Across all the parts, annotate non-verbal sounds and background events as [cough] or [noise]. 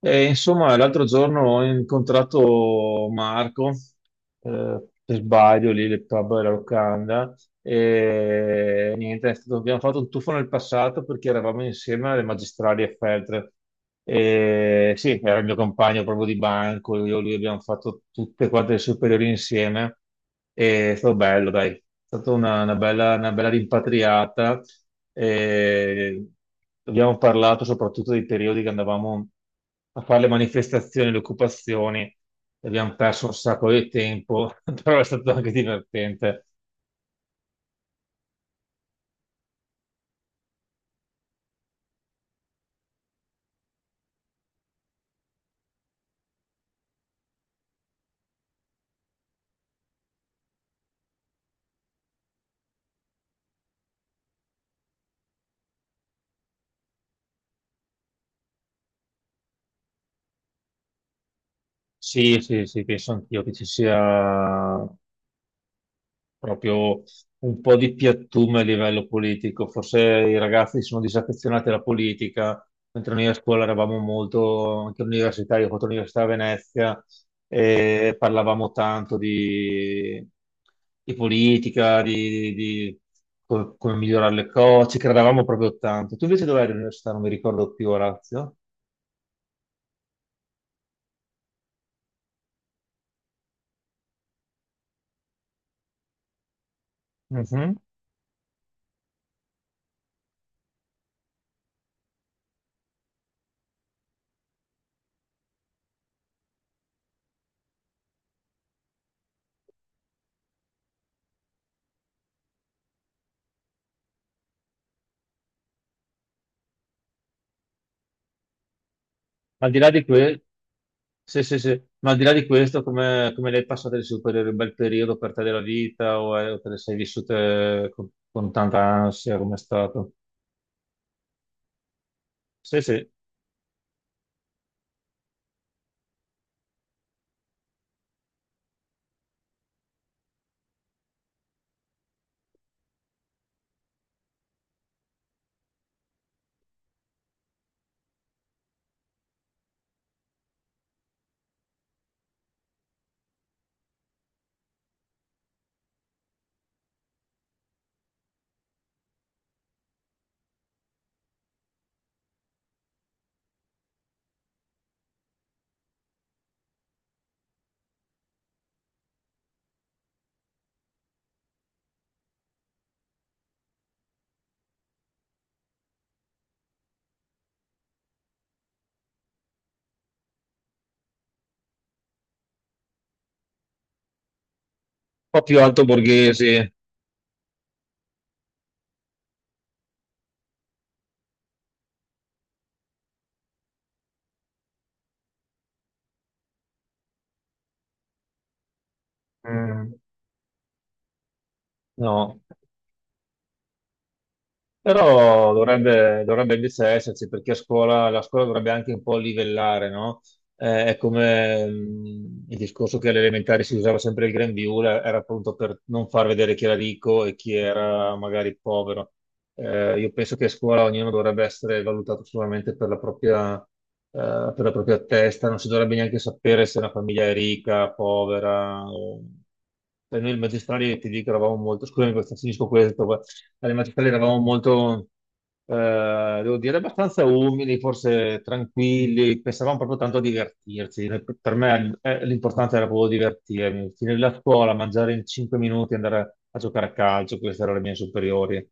E, insomma, l'altro giorno ho incontrato Marco, per sbaglio lì nel pub della locanda, e niente, abbiamo fatto un tuffo nel passato perché eravamo insieme alle magistrali a Feltre. E sì, era il mio compagno proprio di banco, io e lui abbiamo fatto tutte quante le superiori insieme. È stato bello, dai, è stata una bella rimpatriata. E abbiamo parlato soprattutto dei periodi che andavamo a fare le manifestazioni, le occupazioni, e abbiamo perso un sacco di tempo, [laughs] però è stato anche divertente. Sì, sì, sì, penso anch'io che ci sia proprio un po' di piattume a livello politico. Forse i ragazzi sono disaffezionati alla politica, mentre noi a scuola eravamo molto, anche all'università, io ho fatto l'università a Venezia e parlavamo tanto di politica, di come migliorare le cose, ci credevamo proprio tanto. Tu invece dove eri all'università? Non mi ricordo più, Orazio. Mhm. Al di là di questo, sì, sì, sì, ma al di là di questo, come, come le hai passate le superiori? Un bel periodo per te della vita o te le sei vissute con tanta ansia? Come è stato? Sì, sì, un po' più alto borghesi. Mm. No. Però dovrebbe, dovrebbe invece esserci, perché a scuola, la scuola dovrebbe anche un po' livellare, no? È come il discorso che alle elementari si usava sempre il grembiule, era appunto per non far vedere chi era ricco e chi era magari povero. Io penso che a scuola ognuno dovrebbe essere valutato solamente per la propria testa, non si dovrebbe neanche sapere se una famiglia è ricca, povera. Per noi i magistrali, ti dico, eravamo molto, scusami, finisco questo, alle magistrali eravamo molto, devo dire, abbastanza umili, forse tranquilli, pensavamo proprio tanto a divertirci. Per me l'importante era proprio divertirmi, finire la scuola, mangiare in 5 minuti, andare a giocare a calcio, queste erano le mie superiori.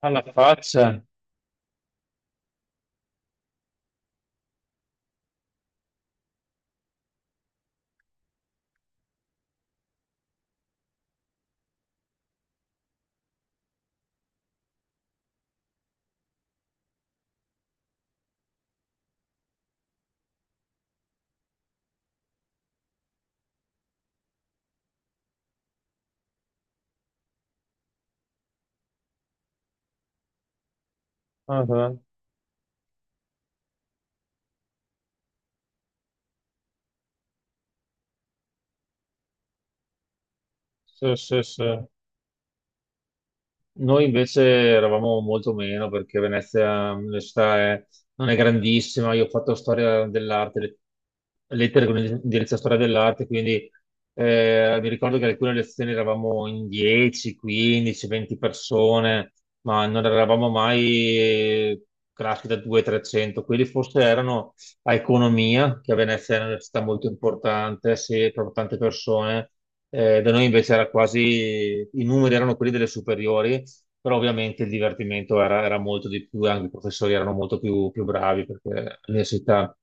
Alla faccia. Ah, ah. Sì, sì, sì. Noi invece eravamo molto meno perché Venezia, non è grandissima. Io ho fatto storia dell'arte, lettere con indirizzo a storia dell'arte, quindi mi ricordo che alcune lezioni eravamo in 10, 15, 20 persone, ma non eravamo mai classi da 200-300. Quelli forse erano a economia, che a Venezia è un'università molto importante, sì, per tante persone. Da noi invece era quasi, i numeri erano quelli delle superiori però ovviamente il divertimento era, era molto di più, e anche i professori erano molto più, più bravi perché all'università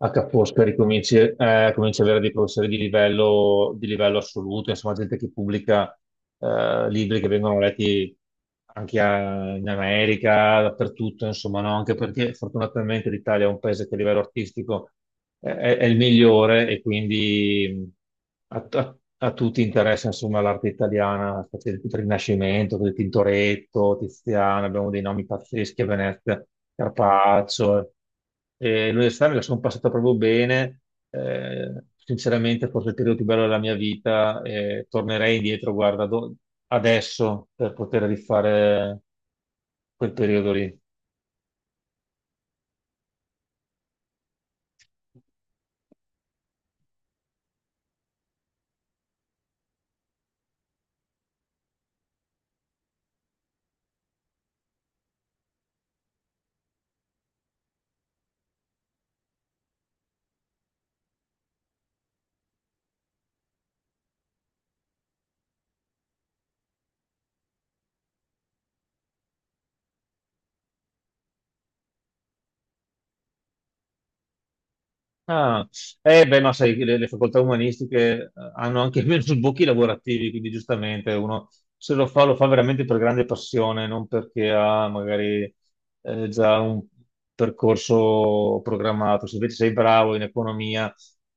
a Ca' Foscari cominci, cominci ad avere dei professori di livello assoluto, insomma gente che pubblica libri che vengono letti in America, dappertutto, insomma, no? Anche perché fortunatamente l'Italia è un paese che a livello artistico è, è il migliore e quindi... A, a- a tutti interessa insomma l'arte italiana, specie del Rinascimento, del Tintoretto, Tiziano, abbiamo dei nomi pazzeschi a Venezia, Carpaccio. E l'università me la sono passata proprio bene, sinceramente forse il periodo più bello della mia vita, e tornerei indietro, guarda, adesso per poter rifare quel periodo lì. Ah, eh beh, ma sai, le facoltà umanistiche hanno anche [laughs] meno sbocchi lavorativi, quindi giustamente uno se lo fa, lo fa veramente per grande passione, non perché ha magari già un percorso programmato. Se invece sei bravo in economia,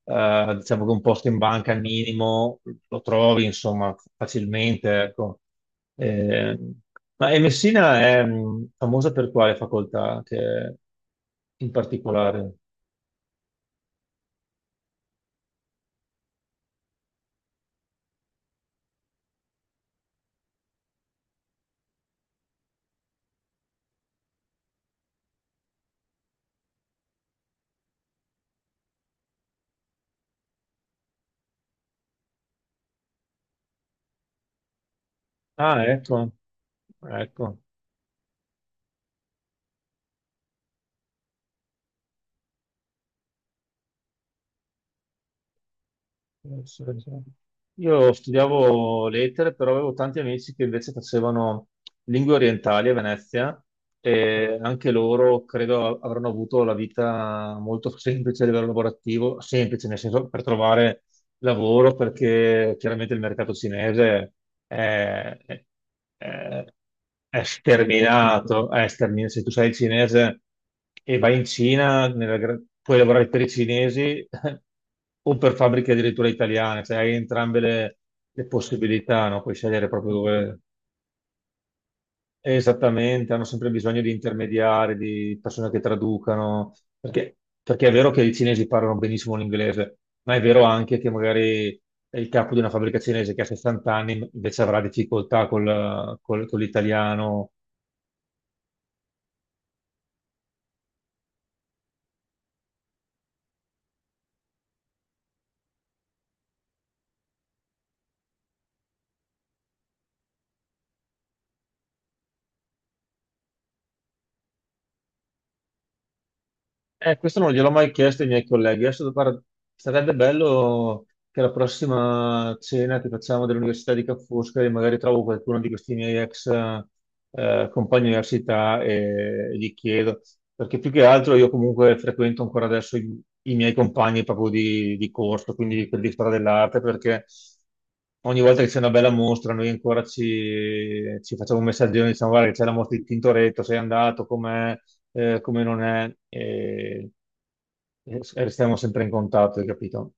diciamo che un posto in banca al minimo lo trovi, insomma, facilmente, ecco. Eh, ma e Messina è famosa per quale facoltà che in particolare? Ah, ecco. Ecco, sì, sì. Io studiavo lettere, però avevo tanti amici che invece facevano lingue orientali a Venezia e anche loro credo avranno avuto la vita molto semplice a livello lavorativo, semplice nel senso per trovare lavoro perché chiaramente il mercato cinese è, è- è sterminato, è sterminato. Se tu sei cinese e vai in Cina, puoi lavorare per i cinesi [laughs] o per fabbriche addirittura italiane, cioè hai entrambe le possibilità, no? Puoi scegliere proprio dove, esattamente, hanno sempre bisogno di intermediari, di persone che traducano, perché è vero che i cinesi parlano benissimo l'inglese, ma è vero anche che magari è il capo di una fabbrica cinese che ha 60 anni invece avrà difficoltà con l'italiano. Questo non gliel'ho mai chiesto ai miei colleghi. Adesso, guarda, sarebbe bello che la prossima cena che facciamo dell'Università di Ca' Foscari, magari trovo qualcuno di questi miei ex compagni di università e gli chiedo, perché più che altro io comunque frequento ancora adesso i miei compagni proprio di corso, quindi quelli di storia dell'arte, perché ogni volta che c'è una bella mostra noi ancora ci, ci facciamo un messaggio, diciamo, guarda che c'è la mostra di Tintoretto, sei andato, com'è? Eh, come non è, e restiamo sempre in contatto, hai capito?